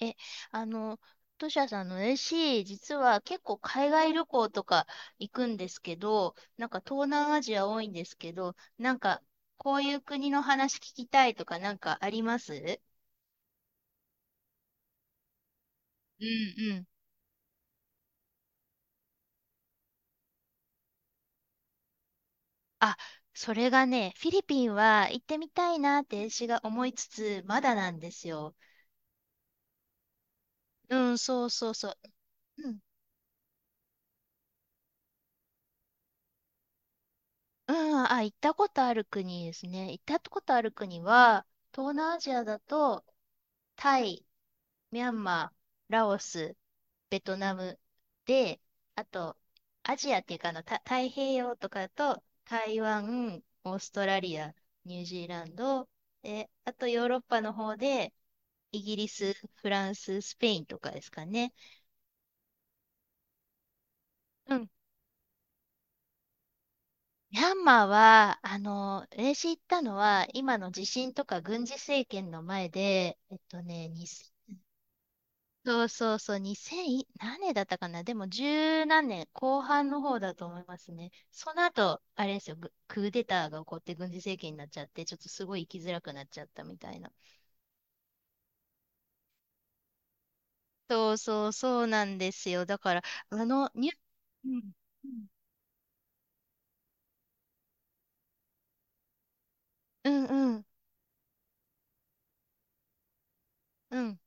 え、あの、トシヤさんの AC、実は結構海外旅行とか行くんですけど、なんか東南アジア多いんですけど、なんかこういう国の話聞きたいとかなんかありますうんうん。あ、それがね、フィリピンは行ってみたいなって私が思いつつ、まだなんですよ。うん、そうそうそう。うん、あ、行ったことある国ですね。行ったことある国は、東南アジアだと、タイ、ミャンマー、ラオス、ベトナムで、あと、アジアっていうかあの、太平洋とかだと、台湾、オーストラリア、ニュージーランド、で、あとヨーロッパの方で、イギリス、フランス、スペインとかですかね。うん、ミャンマーは、あの、私行ったのは、今の地震とか軍事政権の前で、えっとね、にせんそうそうそう、二千、何年だったかな、でも十何年、後半の方だと思いますね。その後、あれですよ、クーデターが起こって軍事政権になっちゃって、ちょっとすごい生きづらくなっちゃったみたいな。そうそうそうなんですよ。だから、あの、うん、うん、うん、うん。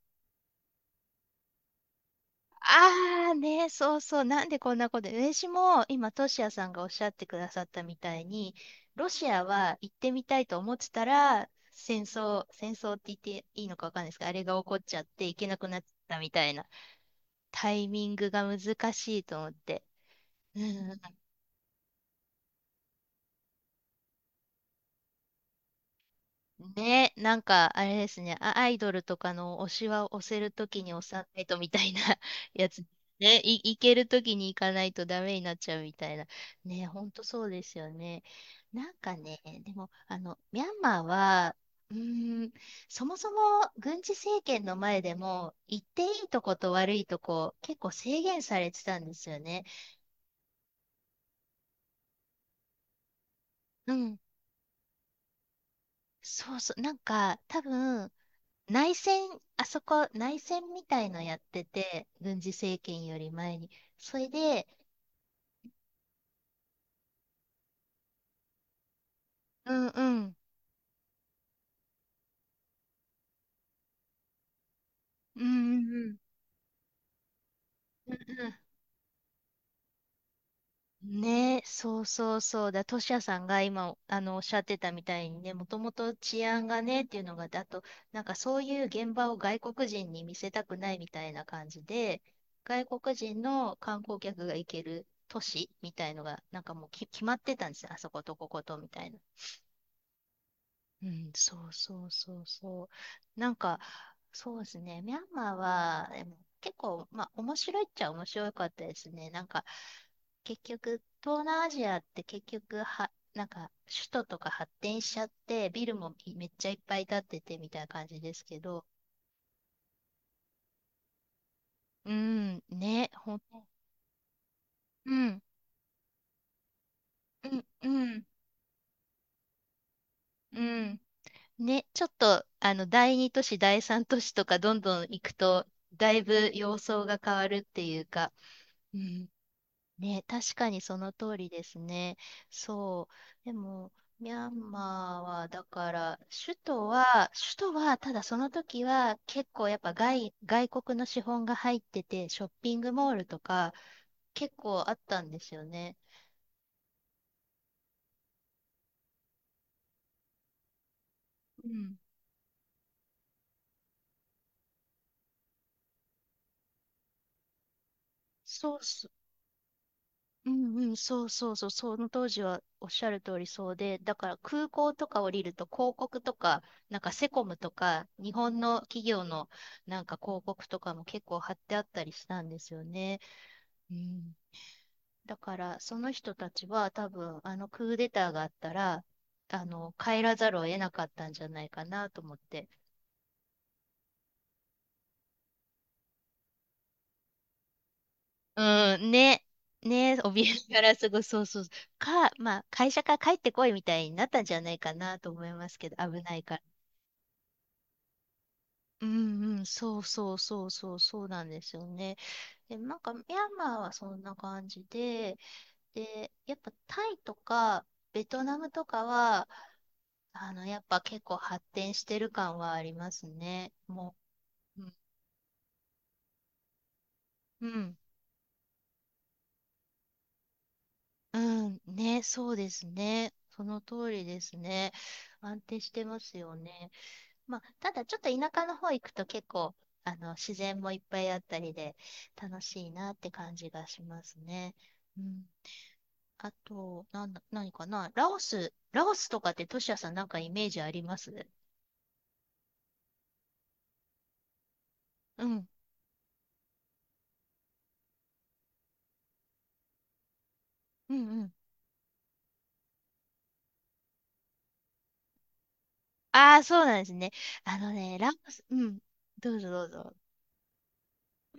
ああね、そうそう、なんでこんなこと、私も今、トシヤさんがおっしゃってくださったみたいに、ロシアは行ってみたいと思ってたら、戦争って言っていいのかわかんないですけど、あれが起こっちゃって行けなくなったみたいな、タイミングが難しいと思って。うんね、なんかあれですね、アイドルとかの推しは押せるときに押さないとみたいな やつ、ね、行けるときに行かないとダメになっちゃうみたいな。ね、ほんとそうですよね。なんかね、でも、あの、ミャンマーは、うーん、そもそも軍事政権の前でも、行っていいとこと悪いとこ、結構制限されてたんですよね。うん。そうそう。なんか、多分、内戦、あそこ内戦みたいのやってて、軍事政権より前に。それで、うんうん、うんうんうん。うんうんね、そうそうそうだ、トシヤさんが今あのおっしゃってたみたいにね、もともと治安がねっていうのが、だと、なんかそういう現場を外国人に見せたくないみたいな感じで、外国人の観光客が行ける都市みたいのが、なんかもう決まってたんですよ、あそことこことみたいな。うん、そうそうそうそう。なんか、そうですね。ミャンマーは、でも結構、まあ、面白いっちゃ面白かったですね。なんか、結局、東南アジアって結局は、なんか、首都とか発展しちゃって、ビルもめっちゃいっぱい建っててみたいな感じですけど、うん、ね、ほん、うん、うん、うん、うん。ね、ちょっと、あの、第二都市、第三都市とかどんどん行くと、だいぶ様相が変わるっていうか、うんね、確かにその通りですね。そう。でも、ミャンマーは、だから、首都は、ただその時は、結構やっぱ外国の資本が入ってて、ショッピングモールとか、結構あったんですよね。うん。そううんうん、そうそうそう、その当時はおっしゃる通りそうで、だから空港とか降りると広告とか、なんかセコムとか、日本の企業のなんか広告とかも結構貼ってあったりしたんですよね。うん、だからその人たちは多分あのクーデターがあったら、あの帰らざるを得なかったんじゃないかなと思って。うん、ね。ね、怯えながらすぐ、そうそう。か、まあ、会社から帰ってこいみたいになったんじゃないかなと思いますけど、危ないから。うんうん、そうそうそうそうそうなんですよね。で、なんかミャンマーはそんな感じで、で、やっぱタイとかベトナムとかは、あの、やっぱ結構発展してる感はありますね。もう、うん、うん、うんね、そうですね。その通りですね。安定してますよね。まあ、ただちょっと田舎の方行くと結構、あの、自然もいっぱいあったりで楽しいなって感じがしますね。うん、あと、なんだ、何かなラオス、ラオスとかってトシヤさんなんかイメージありますうん、うん、うん。ああ、そうなんですね。あのね、ラオス、うん。どうぞどうぞ。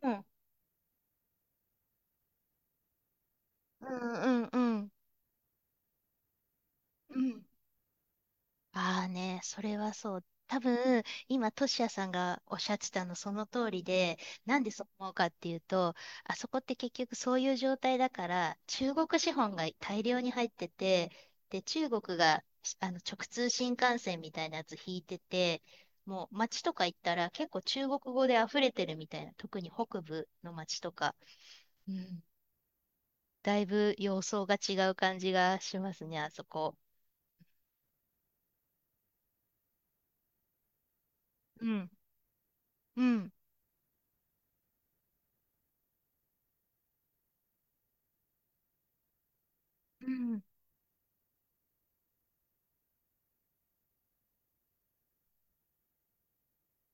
うん、うん、うん、うん。うんああね、それはそう。多分、今、トシヤさんがおっしゃってたのその通りで、なんでそう思うかっていうと、あそこって結局そういう状態だから、中国資本が大量に入ってて、で、中国があの直通新幹線みたいなやつ引いてて、もう街とか行ったら結構中国語で溢れてるみたいな、特に北部の街とか、うん、だいぶ様相が違う感じがしますね、あそこ。うん、うん、うん。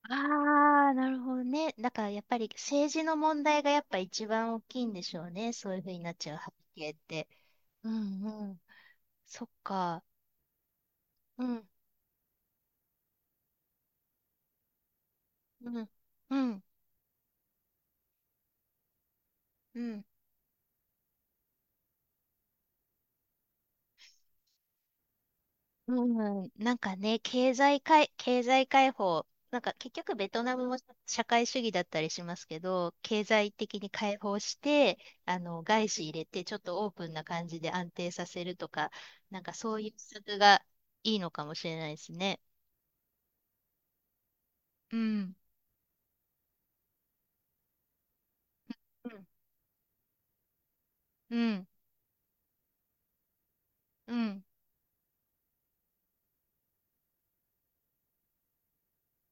ああ、なるほどね。だからやっぱり政治の問題がやっぱ一番大きいんでしょうね。そういうふうになっちゃう背景って。うんうん。そっか。うんうんうんうん。うん、なんかね、経済解放、なんか結局ベトナムも社会主義だったりしますけど、経済的に解放して、あの、外資入れて、ちょっとオープンな感じで安定させるとか、なんかそういう施策がいいのかもしれないですね。うん。うん、うん。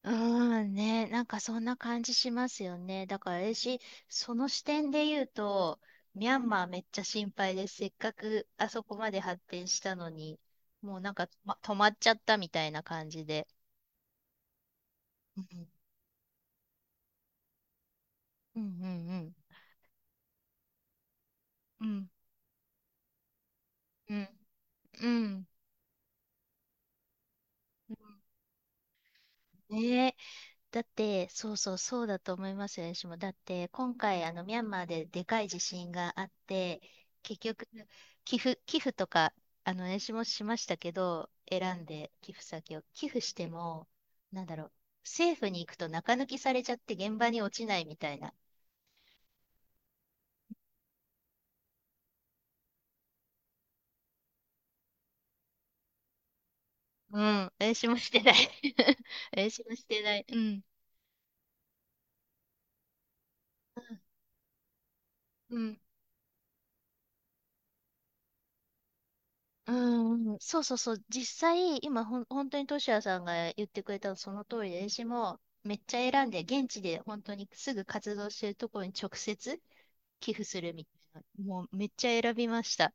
うーんね、なんかそんな感じしますよね。だから私、その視点で言うと、ミャンマーめっちゃ心配です。せっかくあそこまで発展したのに、もうなんか、ま、止まっちゃったみたいな感じで。うん、うん、うん、うん、うん、うん。うんうんね、だって、そうそう、そうだと思いますよ、私も。だって、今回、あの、ミャンマーででかい地震があって、結局、寄付とか、あの、私もしましたけど、選んで寄付先を。寄付しても、なんだろう、政府に行くと中抜きされちゃって現場に落ちないみたいな。うん、私もしてない。私もしてない。うん。うん。うんうん、そうそうそう、実際、今、本当にトシヤさんが言ってくれたのその通りで、私もめっちゃ選んで、現地で本当にすぐ活動してるところに直接寄付するみたいな、もうめっちゃ選びました。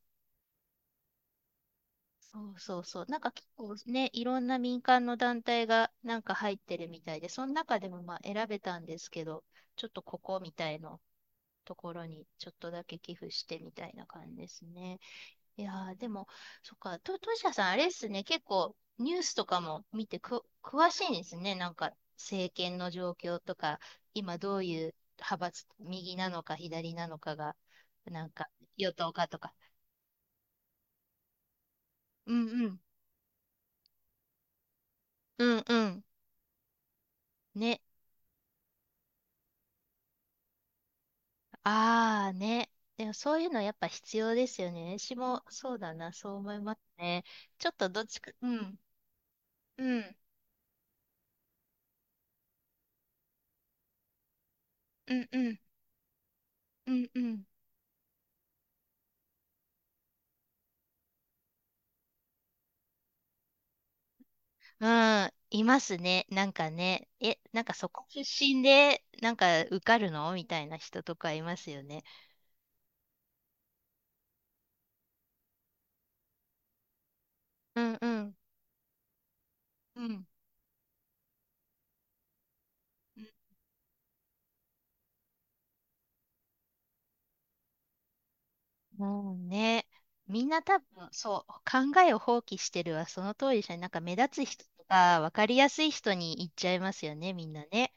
そうそうそう、なんか結構ね、いろんな民間の団体がなんか入ってるみたいで、その中でもまあ選べたんですけど、ちょっとここみたいなところにちょっとだけ寄付してみたいな感じですね。いやー、でも、そっか、と、としやさん、あれっすね、結構、ニュースとかも見てく、詳しいんですね。なんか、政権の状況とか、今どういう派閥、右なのか左なのかが、なんか、与党かとか。うんうん。うんうん。ね。ああ、ね。でも、そういうのやっぱ必要ですよね。私も、そうだな、そう思いますね。ちょっとどっちか、うん、うん、うん、うん、うん、うん。うん、いますね。なんかね、え、なんかそこ出身で、なんか受かるのみたいな人とかいますよね。うんうん。うん。もうね、みんな多分、そう、考えを放棄してるはその通りじゃん。なんか目立つ人とか、わかりやすい人に行っちゃいますよね、みんなね。